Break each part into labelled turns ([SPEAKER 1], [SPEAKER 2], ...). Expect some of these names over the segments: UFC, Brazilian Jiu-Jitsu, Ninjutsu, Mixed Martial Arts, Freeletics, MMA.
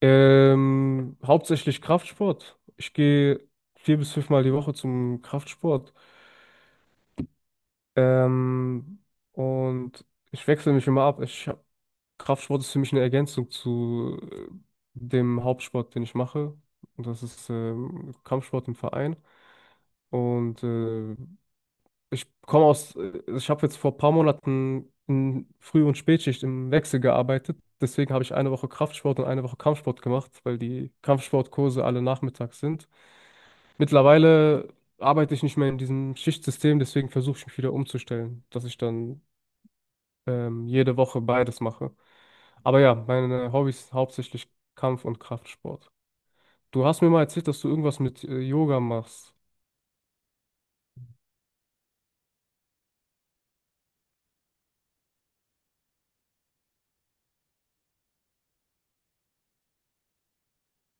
[SPEAKER 1] Hauptsächlich Kraftsport. Ich gehe vier bis fünfmal die Woche zum Kraftsport. Ähm, und ich wechsle mich immer ab. Kraftsport ist für mich eine Ergänzung zu dem Hauptsport, den ich mache. Und das ist Kampfsport im Verein. Und ich habe jetzt vor ein paar Monaten in Früh- und Spätschicht im Wechsel gearbeitet. Deswegen habe ich eine Woche Kraftsport und eine Woche Kampfsport gemacht, weil die Kampfsportkurse alle nachmittags sind. Mittlerweile arbeite ich nicht mehr in diesem Schichtsystem, deswegen versuche ich mich wieder umzustellen, dass ich dann jede Woche beides mache. Aber ja, meine Hobbys sind hauptsächlich Kampf- und Kraftsport. Du hast mir mal erzählt, dass du irgendwas mit Yoga machst.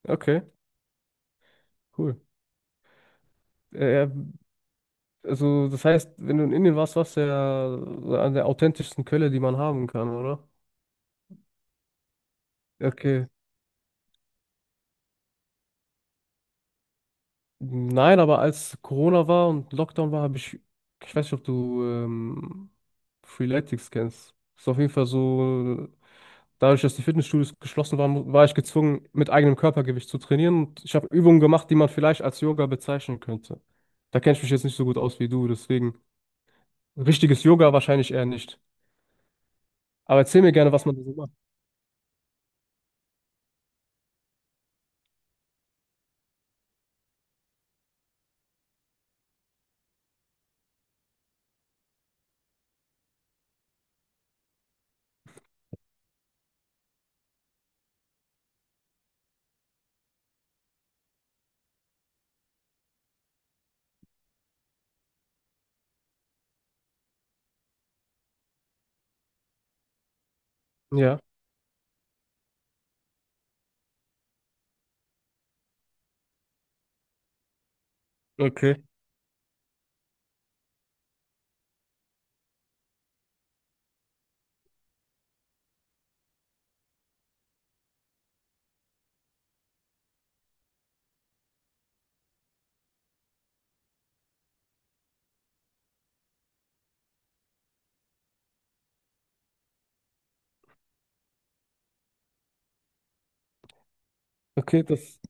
[SPEAKER 1] Okay, cool. Äh, äh, also das heißt, wenn du in Indien warst, warst du ja an der authentischsten Quelle, die man haben kann, oder? Okay. Nein, aber als Corona war und Lockdown war, ich weiß nicht, ob du Freeletics kennst. Ist auf jeden Fall so, dadurch, dass die Fitnessstudios geschlossen waren, war ich gezwungen, mit eigenem Körpergewicht zu trainieren. Und ich habe Übungen gemacht, die man vielleicht als Yoga bezeichnen könnte. Da kenne ich mich jetzt nicht so gut aus wie du, deswegen richtiges Yoga wahrscheinlich eher nicht. Aber erzähl mir gerne, was man da so macht. Ja, okay. Okay, das.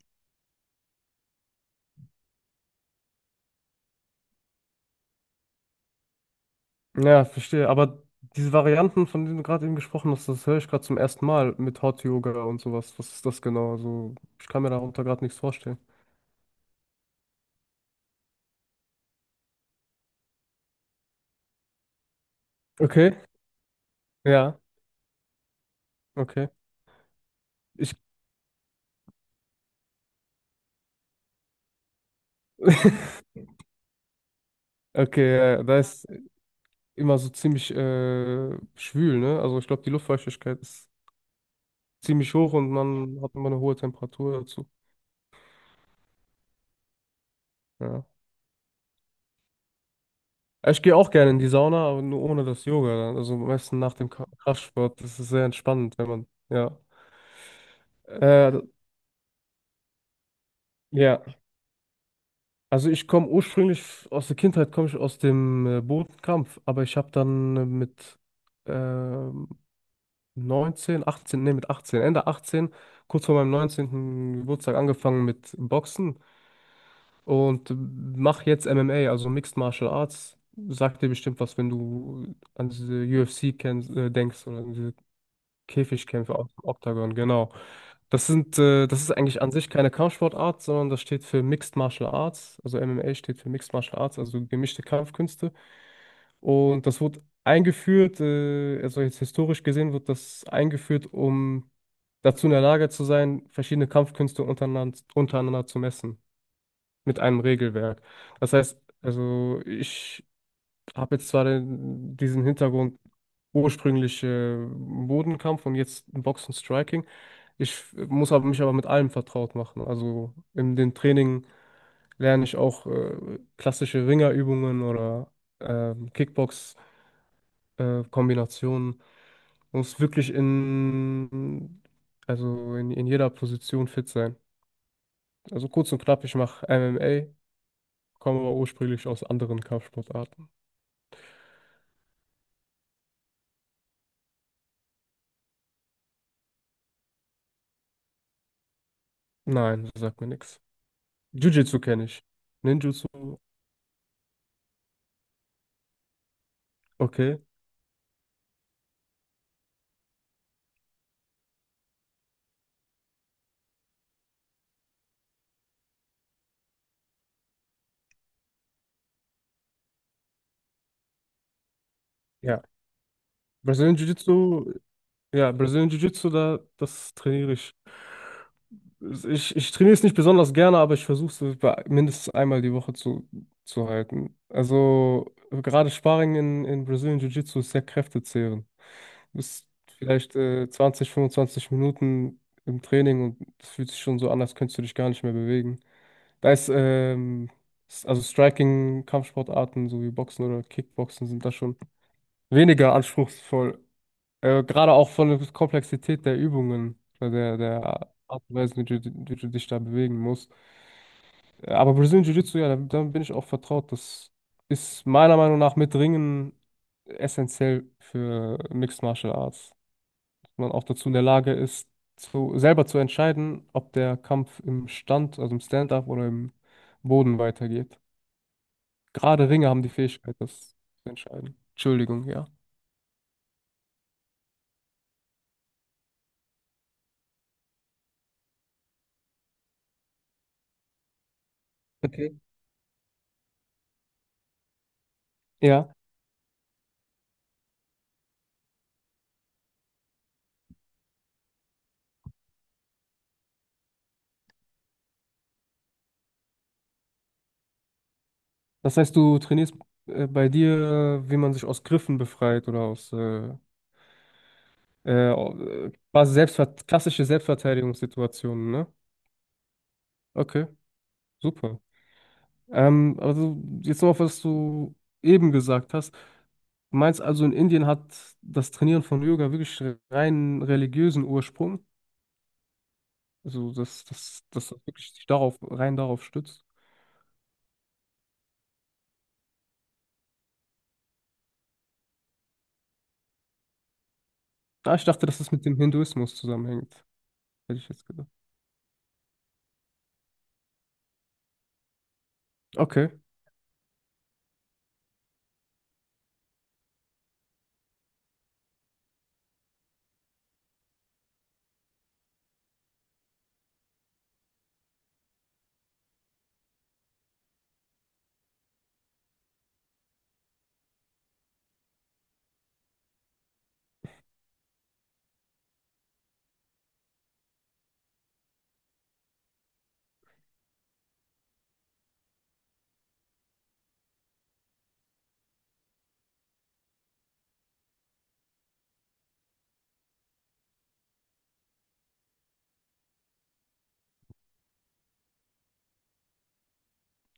[SPEAKER 1] Ja, verstehe. Aber diese Varianten, von denen du gerade eben gesprochen hast, das höre ich gerade zum ersten Mal mit Hot Yoga und sowas. Was ist das genau? Also, ich kann mir darunter gerade nichts vorstellen. Okay, ja, okay. Ich, okay, ja, ja, da ist immer so ziemlich schwül, ne? Also, ich glaube, die Luftfeuchtigkeit ist ziemlich hoch und man hat immer eine hohe Temperatur dazu. Ja. Ja, ich gehe auch gerne in die Sauna, aber nur ohne das Yoga dann. Also, am besten nach dem Kraftsport. Das ist sehr entspannend, wenn man, ja. Äh, ja. Also ich komme ursprünglich aus der Kindheit, komme ich aus dem Bodenkampf, aber ich habe dann mit ähm, 19, 18, nee, mit 18, Ende 18, kurz vor meinem 19. Geburtstag angefangen mit Boxen und mache jetzt MMA, also Mixed Martial Arts. Sagt dir bestimmt was, wenn du an diese UFC denkst oder an diese Käfigkämpfe aus dem Oktagon, genau. Das ist eigentlich an sich keine Kampfsportart, sondern das steht für Mixed Martial Arts. Also MMA steht für Mixed Martial Arts, also gemischte Kampfkünste. Und das wurde eingeführt, also jetzt historisch gesehen wird das eingeführt, um dazu in der Lage zu sein, verschiedene Kampfkünste untereinander zu messen mit einem Regelwerk. Das heißt, also ich habe jetzt zwar diesen Hintergrund ursprünglich Bodenkampf und jetzt Boxen Striking. Ich muss aber mich aber mit allem vertraut machen. Also in den Training lerne ich auch klassische Ringerübungen oder ähm, Kickbox-Kombinationen. Man muss wirklich also in jeder Position fit sein. Also kurz und knapp, ich mache MMA, komme aber ursprünglich aus anderen Kampfsportarten. Nein, das sagt mir nichts. Jiu-Jitsu kenne ich. Ninjutsu, okay. Ja. Brazilian Jiu-Jitsu, ja, Brazilian Jiu-Jitsu, da, das trainiere ich. Ich trainiere es nicht besonders gerne, aber ich versuche es mindestens einmal die Woche zu halten. Also gerade Sparring in Brazilian Jiu-Jitsu ist sehr kräftezehrend. Du bist vielleicht 20, 25 Minuten im Training und es fühlt sich schon so an, als könntest du dich gar nicht mehr bewegen. Da ist, ähm, also Striking, Kampfsportarten so wie Boxen oder Kickboxen sind da schon weniger anspruchsvoll. Gerade auch von der Komplexität der Übungen, der Art und Weise, wie du dich da bewegen musst. Aber Brazilian Jiu-Jitsu, ja, damit bin ich auch vertraut. Das ist meiner Meinung nach mit Ringen essentiell für Mixed Martial Arts. Dass man auch dazu in der Lage ist, selber zu entscheiden, ob der Kampf im Stand, also im Stand-up oder im Boden weitergeht. Gerade Ringer haben die Fähigkeit, das zu entscheiden. Entschuldigung, ja. Okay. Ja. Das heißt, du trainierst bei dir, wie man sich aus Griffen befreit oder aus quasi Selbstver klassische Selbstverteidigungssituationen, ne? Okay, super. Also jetzt noch auf, was du eben gesagt hast. Du meinst also, in Indien hat das Trainieren von Yoga wirklich rein religiösen Ursprung? Also, dass das wirklich sich darauf, rein darauf stützt? Ah, ich dachte, dass das mit dem Hinduismus zusammenhängt, hätte ich jetzt gedacht. Okay,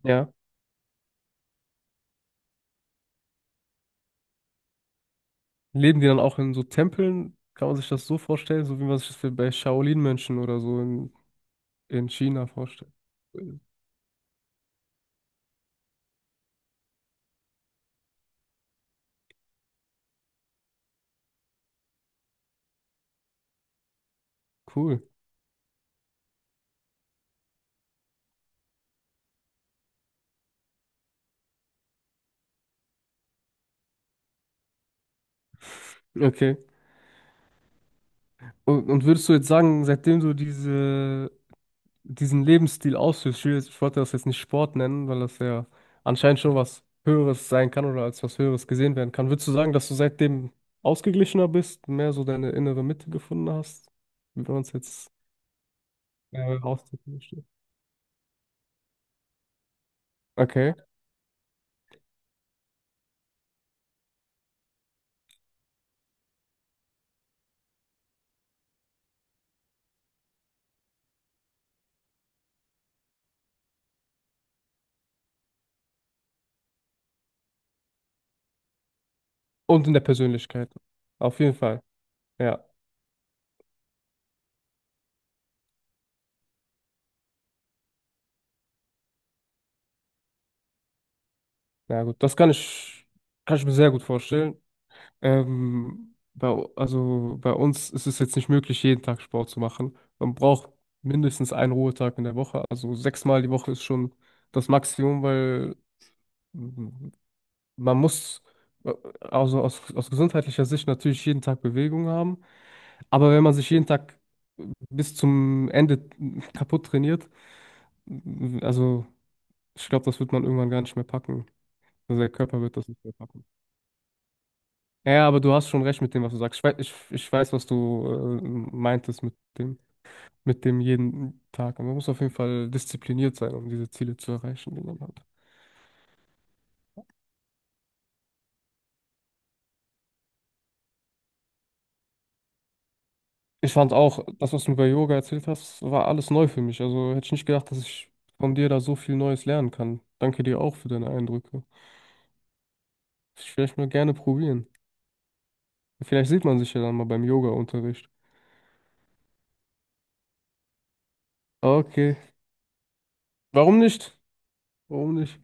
[SPEAKER 1] ja. Leben die dann auch in so Tempeln? Kann man sich das so vorstellen, so wie man sich das bei Shaolin-Mönchen oder so in China vorstellt? Cool. Okay. Und würdest du jetzt sagen, seitdem du diese, diesen Lebensstil ausführst, ich wollte das jetzt nicht Sport nennen, weil das ja anscheinend schon was Höheres sein kann oder als was Höheres gesehen werden kann, würdest du sagen, dass du seitdem ausgeglichener bist, mehr so deine innere Mitte gefunden hast, wie wir uns jetzt ausdrücken möchten? Okay. Und in der Persönlichkeit. Auf jeden Fall. Ja. Ja gut, das kann ich mir sehr gut vorstellen. Ähm, bei, also bei uns ist es jetzt nicht möglich, jeden Tag Sport zu machen. Man braucht mindestens einen Ruhetag in der Woche. Also sechsmal die Woche ist schon das Maximum, weil mm, man muss äh, also aus gesundheitlicher Sicht natürlich jeden Tag Bewegung haben. Aber wenn man sich jeden Tag äh, bis zum Ende kaputt trainiert, also ich glaube, das wird man irgendwann gar nicht mehr packen. Also der Körper wird das nicht mehr packen. Ja, ja, aber du hast schon recht mit dem, was du sagst. Ich weiß, was du äh, meintest mit mit dem jeden Tag. Und man muss auf jeden Fall diszipliniert sein, um diese Ziele zu erreichen, die man hat. Ich fand auch, das, was du über Yoga erzählt hast, war alles neu für mich. Also hätte ich nicht gedacht, dass ich von dir da so viel Neues lernen kann. Danke dir auch für deine Eindrücke. Ich vielleicht mal gerne probieren. Vielleicht sieht man sich ja dann mal beim Yoga-Unterricht. Okay. Warum nicht? Warum nicht?